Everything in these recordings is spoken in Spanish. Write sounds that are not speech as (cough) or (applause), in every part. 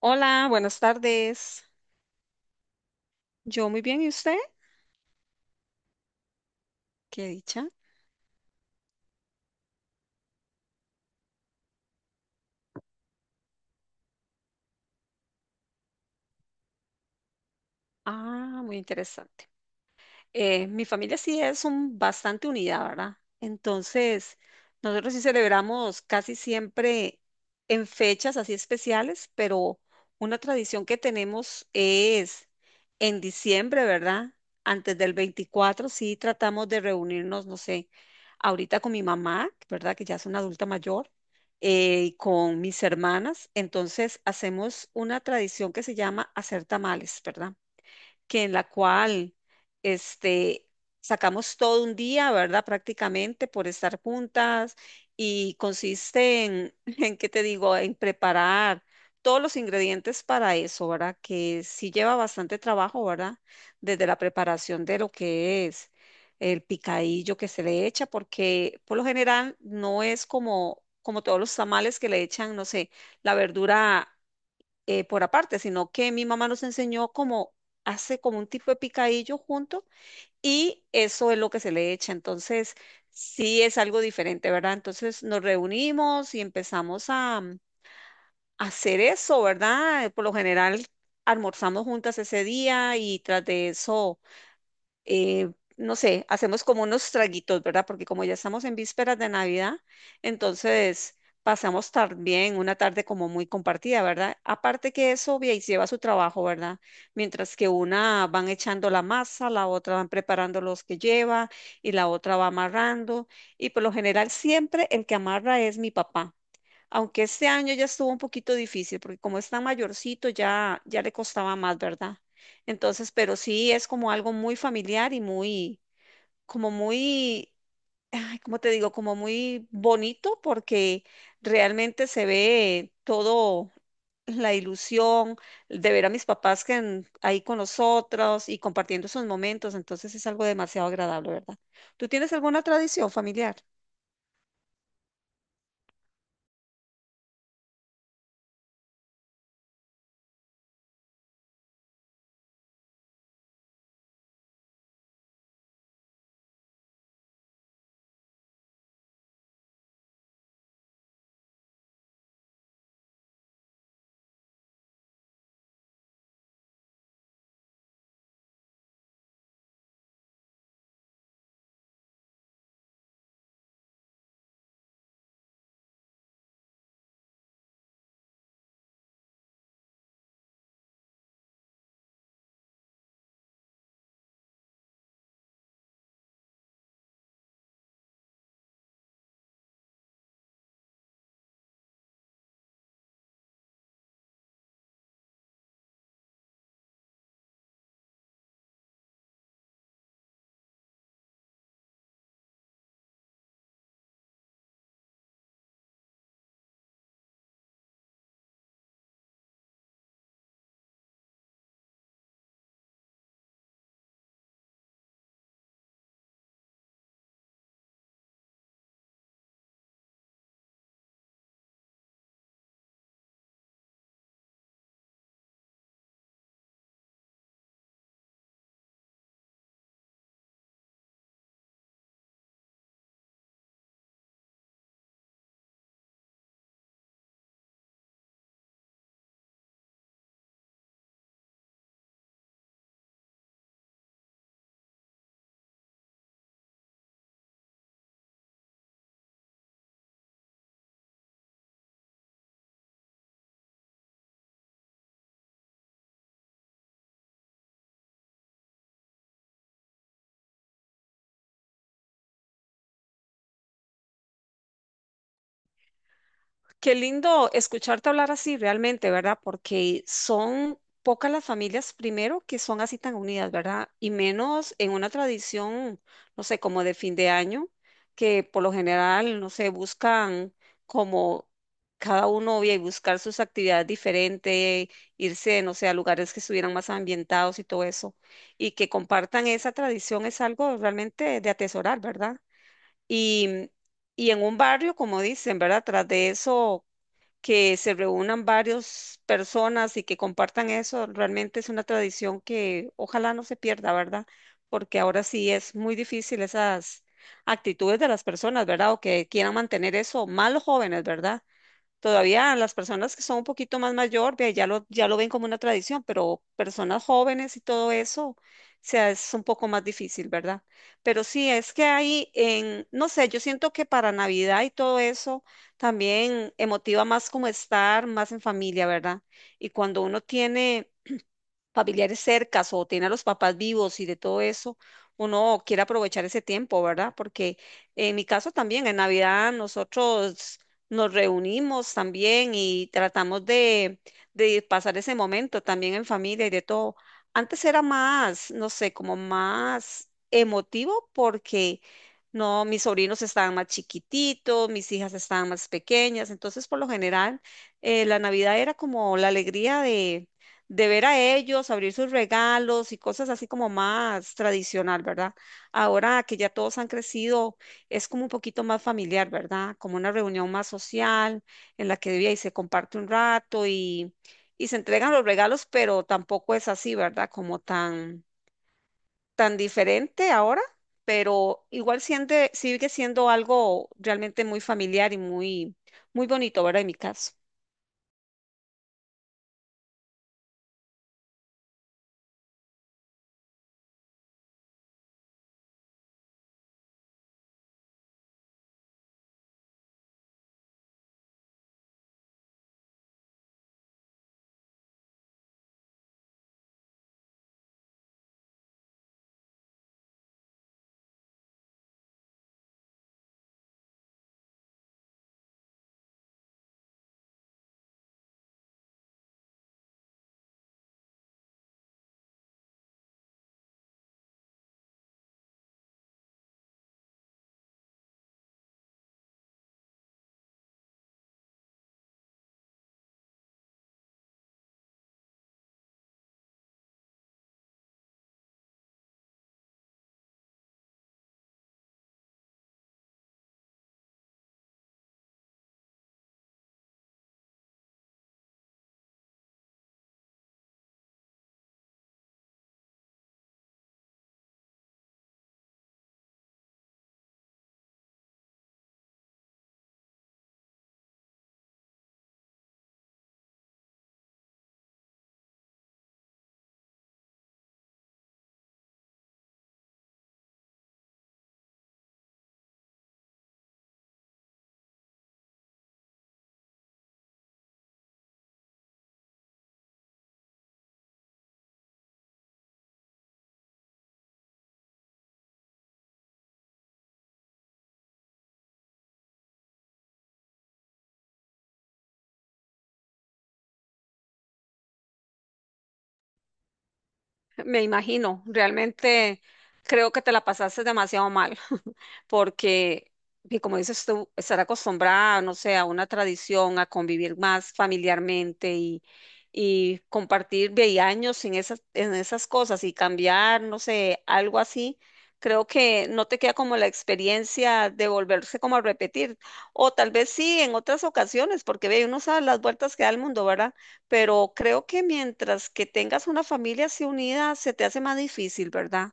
Hola, buenas tardes. Yo muy bien, ¿y usted? Qué dicha. Ah, muy interesante. Mi familia sí es bastante unida, ¿verdad? Entonces, nosotros sí celebramos casi siempre en fechas así especiales, pero una tradición que tenemos es en diciembre, ¿verdad? Antes del 24 sí tratamos de reunirnos, no sé, ahorita con mi mamá, ¿verdad? Que ya es una adulta mayor, y con mis hermanas. Entonces, hacemos una tradición que se llama hacer tamales, ¿verdad? Que en la cual este, sacamos todo un día, ¿verdad? Prácticamente por estar juntas y consiste en, (laughs) en, ¿qué te digo?, en preparar todos los ingredientes para eso, ¿verdad? Que sí lleva bastante trabajo, ¿verdad? Desde la preparación de lo que es el picadillo que se le echa, porque por lo general no es como como todos los tamales que le echan, no sé, la verdura por aparte, sino que mi mamá nos enseñó cómo hace como un tipo de picadillo junto y eso es lo que se le echa. Entonces, sí es algo diferente, ¿verdad? Entonces nos reunimos y empezamos a hacer eso, ¿verdad? Por lo general almorzamos juntas ese día y tras de eso eh, no sé, hacemos como unos traguitos, ¿verdad? Porque como ya estamos en vísperas de Navidad, entonces pasamos también una tarde como muy compartida, ¿verdad? Aparte que eso ve, y lleva su trabajo, ¿verdad? Mientras que una van echando la masa, la otra van preparando los que lleva y la otra va amarrando. Y por lo general siempre el que amarra es mi papá. Aunque este año ya estuvo un poquito difícil, porque como es tan mayorcito, ya, ya le costaba más, ¿verdad? Entonces, pero sí es como algo muy familiar y muy, como muy, ay, ¿cómo te digo? Como muy bonito, porque realmente se ve todo la ilusión de ver a mis papás que ahí con nosotros y compartiendo esos momentos. Entonces es algo demasiado agradable, ¿verdad? ¿Tú tienes alguna tradición familiar? Qué lindo escucharte hablar así realmente, ¿verdad? Porque son pocas las familias, primero, que son así tan unidas, ¿verdad? Y menos en una tradición, no sé, como de fin de año, que por lo general, no sé, buscan como cada uno y buscar sus actividades diferentes, irse, no sé, a lugares que estuvieran más ambientados y todo eso. Y que compartan esa tradición es algo realmente de atesorar, ¿verdad? Y, en un barrio, como dicen, ¿verdad? Tras de eso, que se reúnan varias personas y que compartan eso, realmente es una tradición que ojalá no se pierda, ¿verdad? Porque ahora sí es muy difícil esas actitudes de las personas, ¿verdad? O que quieran mantener eso, más los jóvenes, ¿verdad? Todavía las personas que son un poquito más mayor, ve, ya lo ven como una tradición, pero personas jóvenes y todo eso, o sea, es un poco más difícil, ¿verdad? Pero sí, es que hay en, no sé, yo siento que para Navidad y todo eso también emotiva más como estar más en familia, ¿verdad? Y cuando uno tiene familiares cercas o tiene a los papás vivos y de todo eso, uno quiere aprovechar ese tiempo, ¿verdad? Porque en mi caso también, en Navidad nosotros nos reunimos también y tratamos de pasar ese momento también en familia y de todo. Antes era más, no sé, como más emotivo porque No, mis sobrinos estaban más chiquititos, mis hijas estaban más pequeñas, entonces por lo general la Navidad era como la alegría de ver a ellos, abrir sus regalos y cosas así como más tradicional, ¿verdad? Ahora que ya todos han crecido, es como un poquito más familiar, ¿verdad? Como una reunión más social en la que y se comparte un rato y se entregan los regalos, pero tampoco es así, ¿verdad? Como tan, tan diferente ahora, pero igual sigue siendo algo realmente muy familiar y muy, muy bonito, ¿verdad? En mi caso. Me imagino, realmente creo que te la pasaste demasiado mal, (laughs) porque, y como dices tú, estar acostumbrada, no sé, a una tradición, a convivir más familiarmente y compartir ve, años en esas cosas y cambiar, no sé, algo así, creo que no te queda como la experiencia de volverse como a repetir, o tal vez sí en otras ocasiones, porque ve, uno sabe las vueltas que da el mundo, ¿verdad? Pero creo que mientras que tengas una familia así unida, se te hace más difícil, ¿verdad?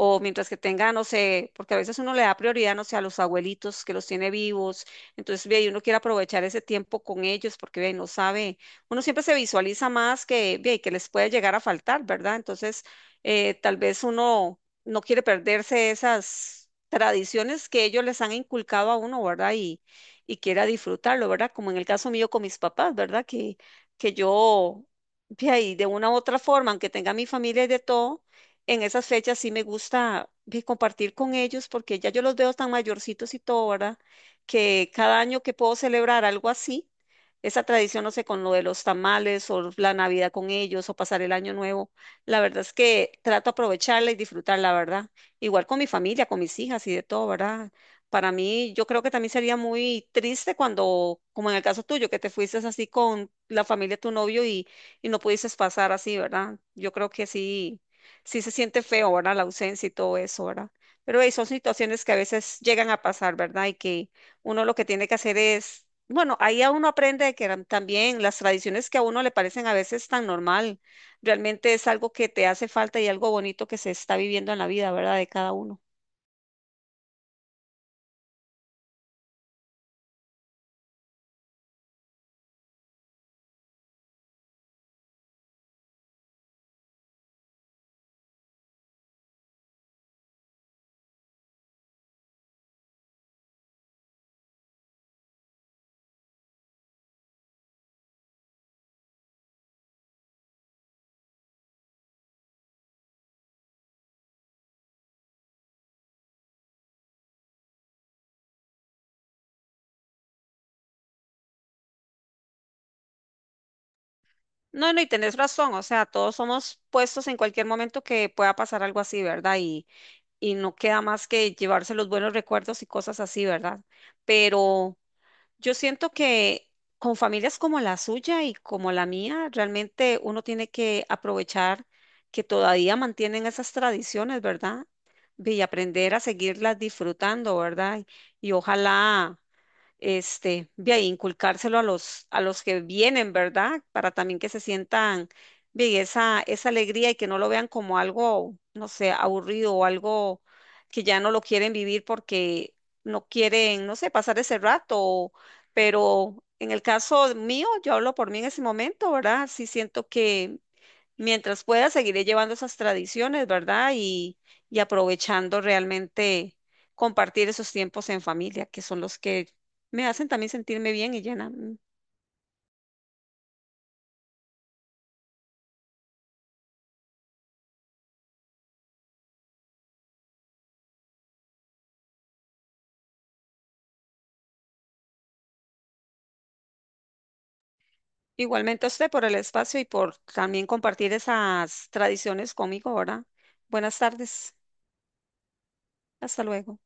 O mientras que tenga, no sé, porque a veces uno le da prioridad, no sé, a los abuelitos que los tiene vivos, entonces ve, y uno quiere aprovechar ese tiempo con ellos porque ve, no sabe, uno siempre se visualiza más que, ve, que les puede llegar a faltar, ¿verdad? Entonces, tal vez uno no quiere perderse esas tradiciones que ellos les han inculcado a uno, ¿verdad? Y quiera disfrutarlo, ¿verdad? Como en el caso mío con mis papás, ¿verdad? Que yo, ve ahí, de una u otra forma, aunque tenga mi familia y de todo, en esas fechas sí me gusta compartir con ellos porque ya yo los veo tan mayorcitos y todo, ¿verdad? Que cada año que puedo celebrar algo así, esa tradición, no sé, con lo de los tamales o la Navidad con ellos o pasar el año nuevo, la verdad es que trato de aprovecharla y disfrutarla, ¿verdad? Igual con mi familia, con mis hijas y de todo, ¿verdad? Para mí, yo creo que también sería muy triste cuando, como en el caso tuyo, que te fuiste así con la familia de tu novio y, no pudiste pasar así, ¿verdad? Yo creo que sí sí se siente feo, ¿verdad? La ausencia y todo eso, ¿verdad? Pero hey, son situaciones que a veces llegan a pasar, ¿verdad? Y que uno lo que tiene que hacer es, bueno, ahí a uno aprende de que eran también las tradiciones que a uno le parecen a veces tan normal, realmente es algo que te hace falta y algo bonito que se está viviendo en la vida, ¿verdad? De cada uno. No, no, y tenés razón, o sea, todos somos puestos en cualquier momento que pueda pasar algo así, ¿verdad? Y no queda más que llevarse los buenos recuerdos y cosas así, ¿verdad? Pero Yo siento que con familias como la suya y como la mía, realmente uno tiene que aprovechar que todavía mantienen esas tradiciones, ¿verdad? Ve, Y aprender a seguirlas disfrutando, ¿verdad? Y ojalá este, de ahí inculcárselo a los, que vienen, ¿verdad? Para también que se sientan bien esa, esa alegría y que no lo vean como algo, no sé, aburrido o algo que ya no lo quieren vivir porque no quieren, no sé, pasar ese rato. Pero en el caso mío, yo hablo por mí en ese momento, ¿verdad? Sí siento que mientras pueda, seguiré llevando esas tradiciones, ¿verdad? Y, aprovechando realmente compartir esos tiempos en familia, que son los que me hacen también sentirme bien y llena. Igualmente a usted por el espacio y por también compartir esas tradiciones conmigo, ¿verdad? Buenas tardes. Hasta luego.